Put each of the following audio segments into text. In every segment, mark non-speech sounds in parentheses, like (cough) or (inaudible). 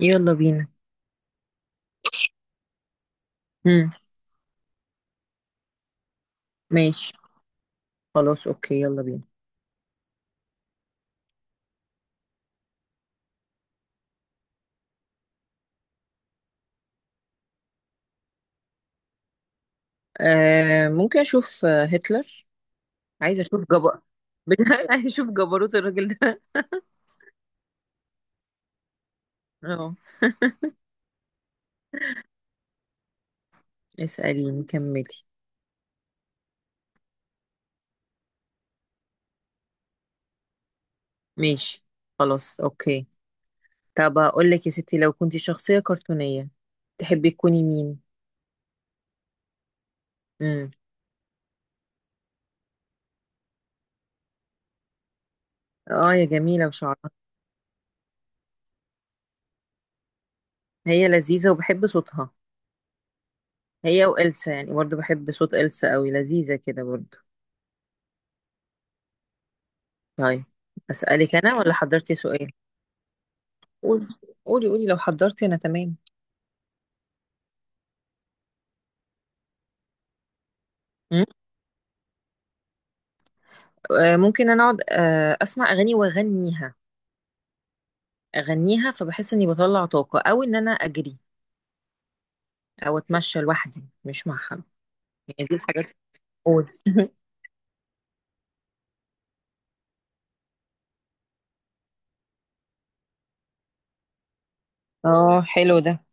يلا بينا. مم. ماشي. خلاص، اوكي، يلا بينا. آه، ممكن اشوف هتلر. عايزه اشوف بجد. (laughs) عايزه اشوف جبروت الراجل ده. (laughs) اه. اسأليني، كملي. ماشي، خلاص، اوكي. طب اقول لك يا ستي، لو كنت شخصية كرتونية تحبي تكوني مين؟ امم اه، يا جميلة وشعرها. هي لذيذة وبحب صوتها. هي وإلسا، يعني برضو بحب صوت إلسا قوي، لذيذة كده برضو. طيب، أسألك أنا ولا حضرتي سؤال؟ قولي، قولي، قولي، لو حضرتي أنا تمام. مم. آه، ممكن انا اقعد اسمع اغاني واغنيها. اغنيها، فبحس اني بطلع طاقه، او ان انا اجري، او اتمشى لوحدي مش مع حد. يعني دي الحاجات. قول. (laughs) اه، حلو ده.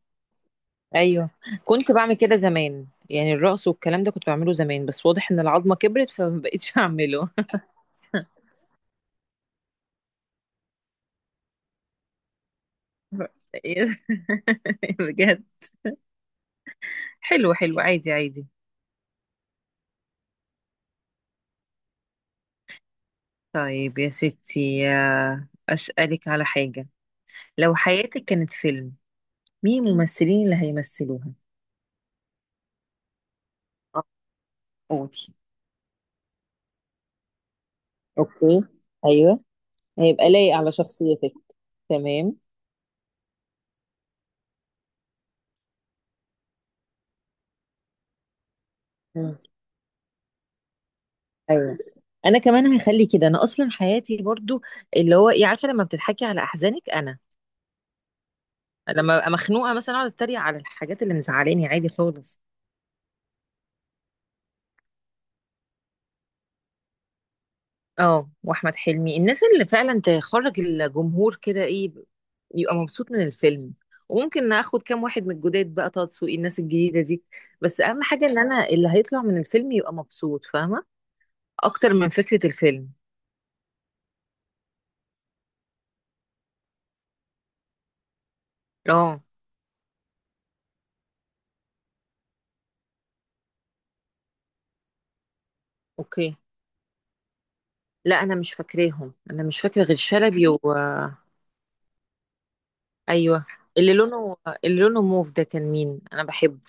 ايوه. كنت بعمل كده زمان، يعني الرقص والكلام ده كنت بعمله زمان، بس واضح ان العظمه كبرت فما بقتش اعمله. (laughs) إيه؟ (laughs) بجد؟ حلو، حلو، عادي، عادي. طيب يا ستي، اسالك على حاجه. لو حياتك كانت فيلم، مين الممثلين اللي هيمثلوها؟ قولي. اوكي، ايوه، هيبقى لايق على شخصيتك، تمام. مم. ايوه، انا كمان هخلي كده، انا اصلا حياتي برضو اللي هو ايه، عارفه لما بتضحكي على احزانك، انا لما ابقى مخنوقه مثلا اقعد اتريق على الحاجات اللي مزعلاني، عادي خالص. اه، واحمد حلمي، الناس اللي فعلا تخرج الجمهور كده ايه يبقى مبسوط من الفيلم. وممكن اخد كام واحد من الجداد بقى، طه دسوقي، الناس الجديده دي. بس اهم حاجه ان انا اللي هيطلع من الفيلم يبقى مبسوط، فاهمه، اكتر من فكره الفيلم. اه، اوكي. لا، انا مش فاكراهم، انا مش فاكره غير شلبي و... ايوه، اللي لونه، اللي لونه موف ده كان مين؟ انا بحبه.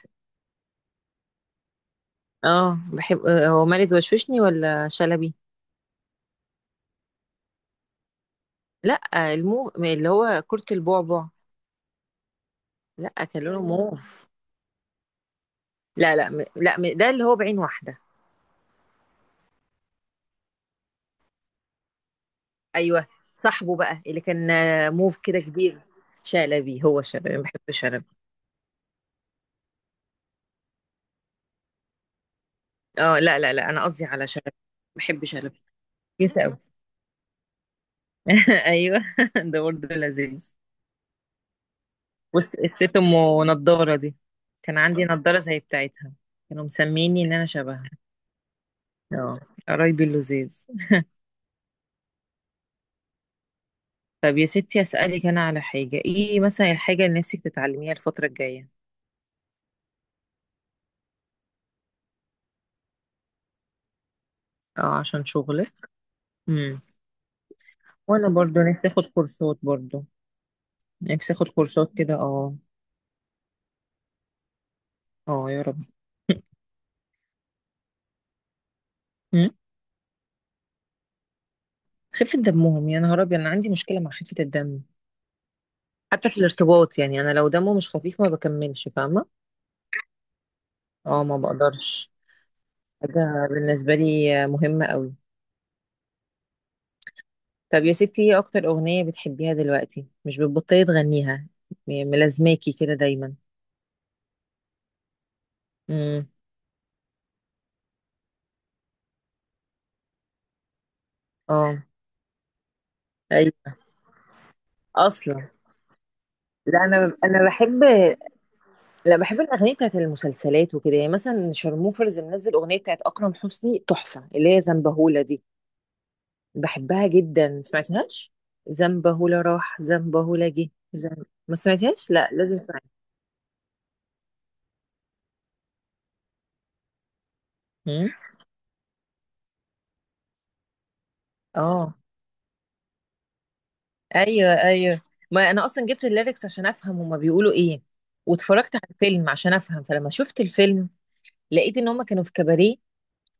اه، بحب هو مالد وشوشني ولا شلبي؟ لا، المو اللي هو كرة البعبع. لا، كان لونه موف. لا، لا، لا، ده اللي هو بعين واحدة. ايوه، صاحبه بقى اللي كان موف كده كبير. شلبي، هو شلبي، أنا بحب شلبي. اه، لا، لا، لا، انا قصدي على شلبي، بحب شلبي. كيوت قوي. (laughs) ايوه. (laughs) ده برضه لذيذ. بص، الست ام نضاره دي كان عندي نضاره زي بتاعتها، كانوا مسميني ان انا شبهها. اه. قرايبي اللزاز. طب يا ستي اسالك انا على حاجه: ايه مثلا الحاجه اللي نفسك تتعلميها الفتره الجايه؟ اه، عشان شغلك. امم. وانا برضو نفسي اخد كورسات، برضو نفسي اخد كورسات كده، اه. اه، يا رب. (laughs) مم. خفة دمهم، يا نهار أبيض، أنا عندي مشكلة مع خفة الدم. حتى في الارتباط، يعني أنا لو دمه مش خفيف ما بكملش، فاهمة. اه، ما بقدرش. ده بالنسبة لي مهمة قوي. طب يا ستي، ايه اكتر اغنية بتحبيها دلوقتي مش بتبطلي تغنيها، ملازماكي كده دايما؟ امم. اه، ايوه. اصلا لا، انا بحب. لا، بحب الاغاني بتاعت المسلسلات وكده، يعني مثلا شارموفرز منزل اغنيه بتاعت اكرم حسني تحفه اللي هي زنبهولة دي. بحبها جدا، سمعتهاش؟ زنبهولة راح، زنبهولة جه، ما سمعتهاش؟ لا، لازم تسمعيها. أمم. اه، ايوه، ايوه. ما انا اصلا جبت الليركس عشان افهم هما بيقولوا ايه. واتفرجت على الفيلم عشان افهم، فلما شفت الفيلم لقيت ان هما كانوا في كباريه،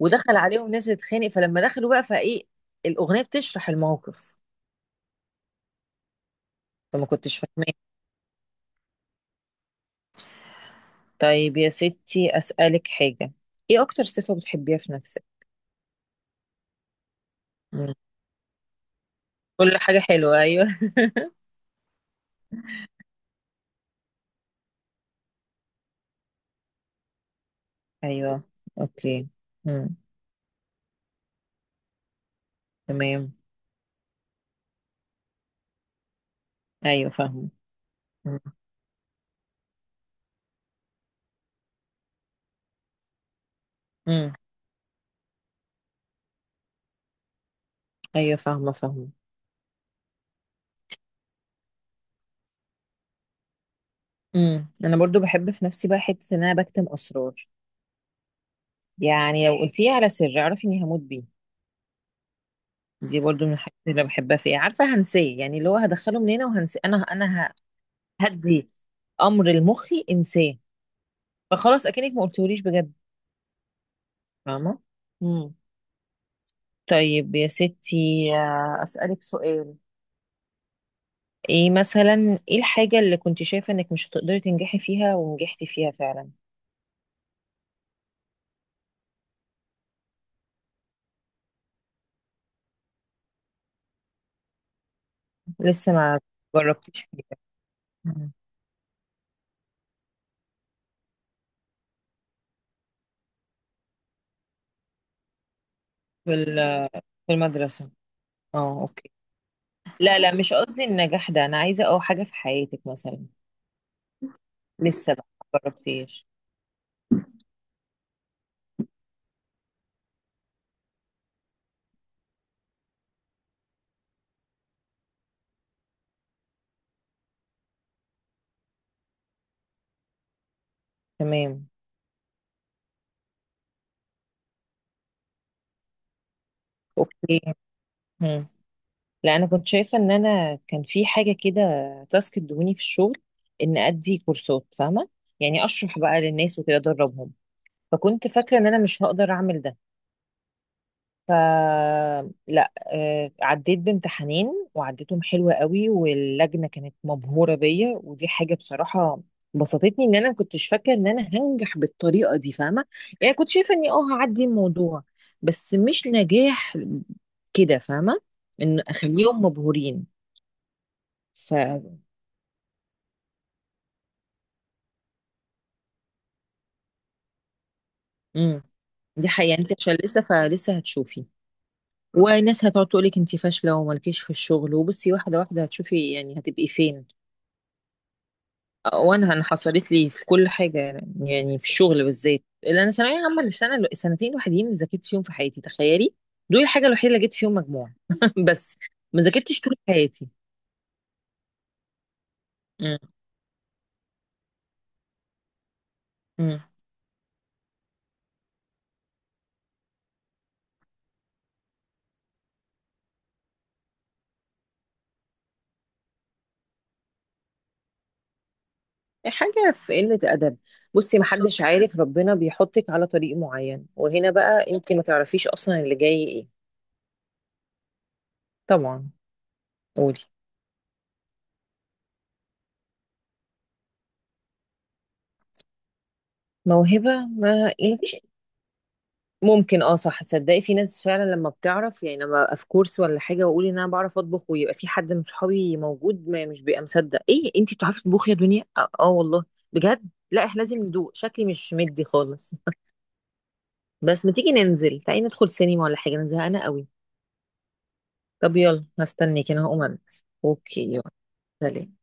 ودخل عليهم ناس تتخانق، فلما دخلوا بقى فايه الاغنيه بتشرح الموقف. فما كنتش فاهماه. طيب يا ستي اسالك حاجه: ايه اكتر صفه بتحبيها في نفسك؟ مم. كل حاجه حلوه، ايوه، ايوه، اوكي. مم. تمام، ايوه، فاهمه. مم. مم. ايوه، فاهمه، فاهمه. مم. انا برضو بحب في نفسي بقى حته ان انا بكتم اسرار، يعني لو قلتيه على سر اعرفي اني هموت بيه. دي برضو من الحاجات اللي بحبها فيه، عارفه هنساه، يعني اللي هو هدخله من هنا وهنساه، انا هدي امر لمخي انساه. فخلاص، اكنك ما قلتوليش بجد، فاهمه. امم. طيب يا ستي، اسالك سؤال. ايه مثلا، ايه الحاجه اللي كنت شايفه انك مش هتقدري تنجحي فيها ونجحتي فيها فعلا؟ لسه ما جربتيش فيها. مم. في ال- في المدرسه. اه، اوكي. لا، لا، مش قصدي النجاح ده، انا عايزه اه حاجه في حياتك مثلا. لسه بقى ما جربتيش. تمام، اوكي. مم. لا، انا كنت شايفه ان انا كان في حاجه كده، تاسك ادوني في الشغل ان ادي كورسات، فاهمه، يعني اشرح بقى للناس وكده ادربهم، فكنت فاكره ان انا مش هقدر اعمل ده. ف، لا عديت بامتحانين، وعديتهم حلوة قوي، واللجنة كانت مبهورة بيا، ودي حاجة بصراحة بسطتني، ان انا كنتش فاكرة ان انا هنجح بالطريقة دي، فاهمة. يعني كنت شايفة اني اه هعدي الموضوع، بس مش نجاح كده، فاهمة، ان اخليهم مبهورين. ف امم دي حقيقة، يعني انت عشان لسه، فلسه هتشوفي، وناس هتقعد تقولك انت فاشلة ومالكيش في الشغل، وبصي واحدة واحدة هتشوفي، يعني هتبقي فين. وانا حصلت لي في كل حاجه، يعني، يعني في الشغل بالذات، لان انا ثانويه عامه، السنه السنتين الوحيدين اللي ذاكرت فيهم في حياتي، تخيلي، دول الحاجه الوحيده اللي جبت فيهم مجموع. (laughs) بس ما ذاكرتش طول حياتي. مم. مم. حاجه في قله ادب. بصي، ما حدش عارف ربنا بيحطك على طريق معين، وهنا بقى انت ما تعرفيش اصلا اللي جاي ايه. طبعا. قولي. موهبه، ما يعني مفيش، ممكن اه صح، تصدقي في ناس فعلا لما بتعرف، يعني لما ابقى في كورس ولا حاجه واقول ان انا بعرف اطبخ ويبقى في حد من صحابي موجود ما مش بيبقى مصدق، ايه انتي بتعرفي تطبخي يا دنيا! اه، آه والله، بجد. لا، احنا لازم ندوق، شكلي مش مدي خالص. (laughs) بس ما تيجي ننزل، تعالي ندخل سينما ولا حاجه، انا زهقانه قوي. طب يلا هستنيك، انا هقوم البس، اوكي يلا. سلام.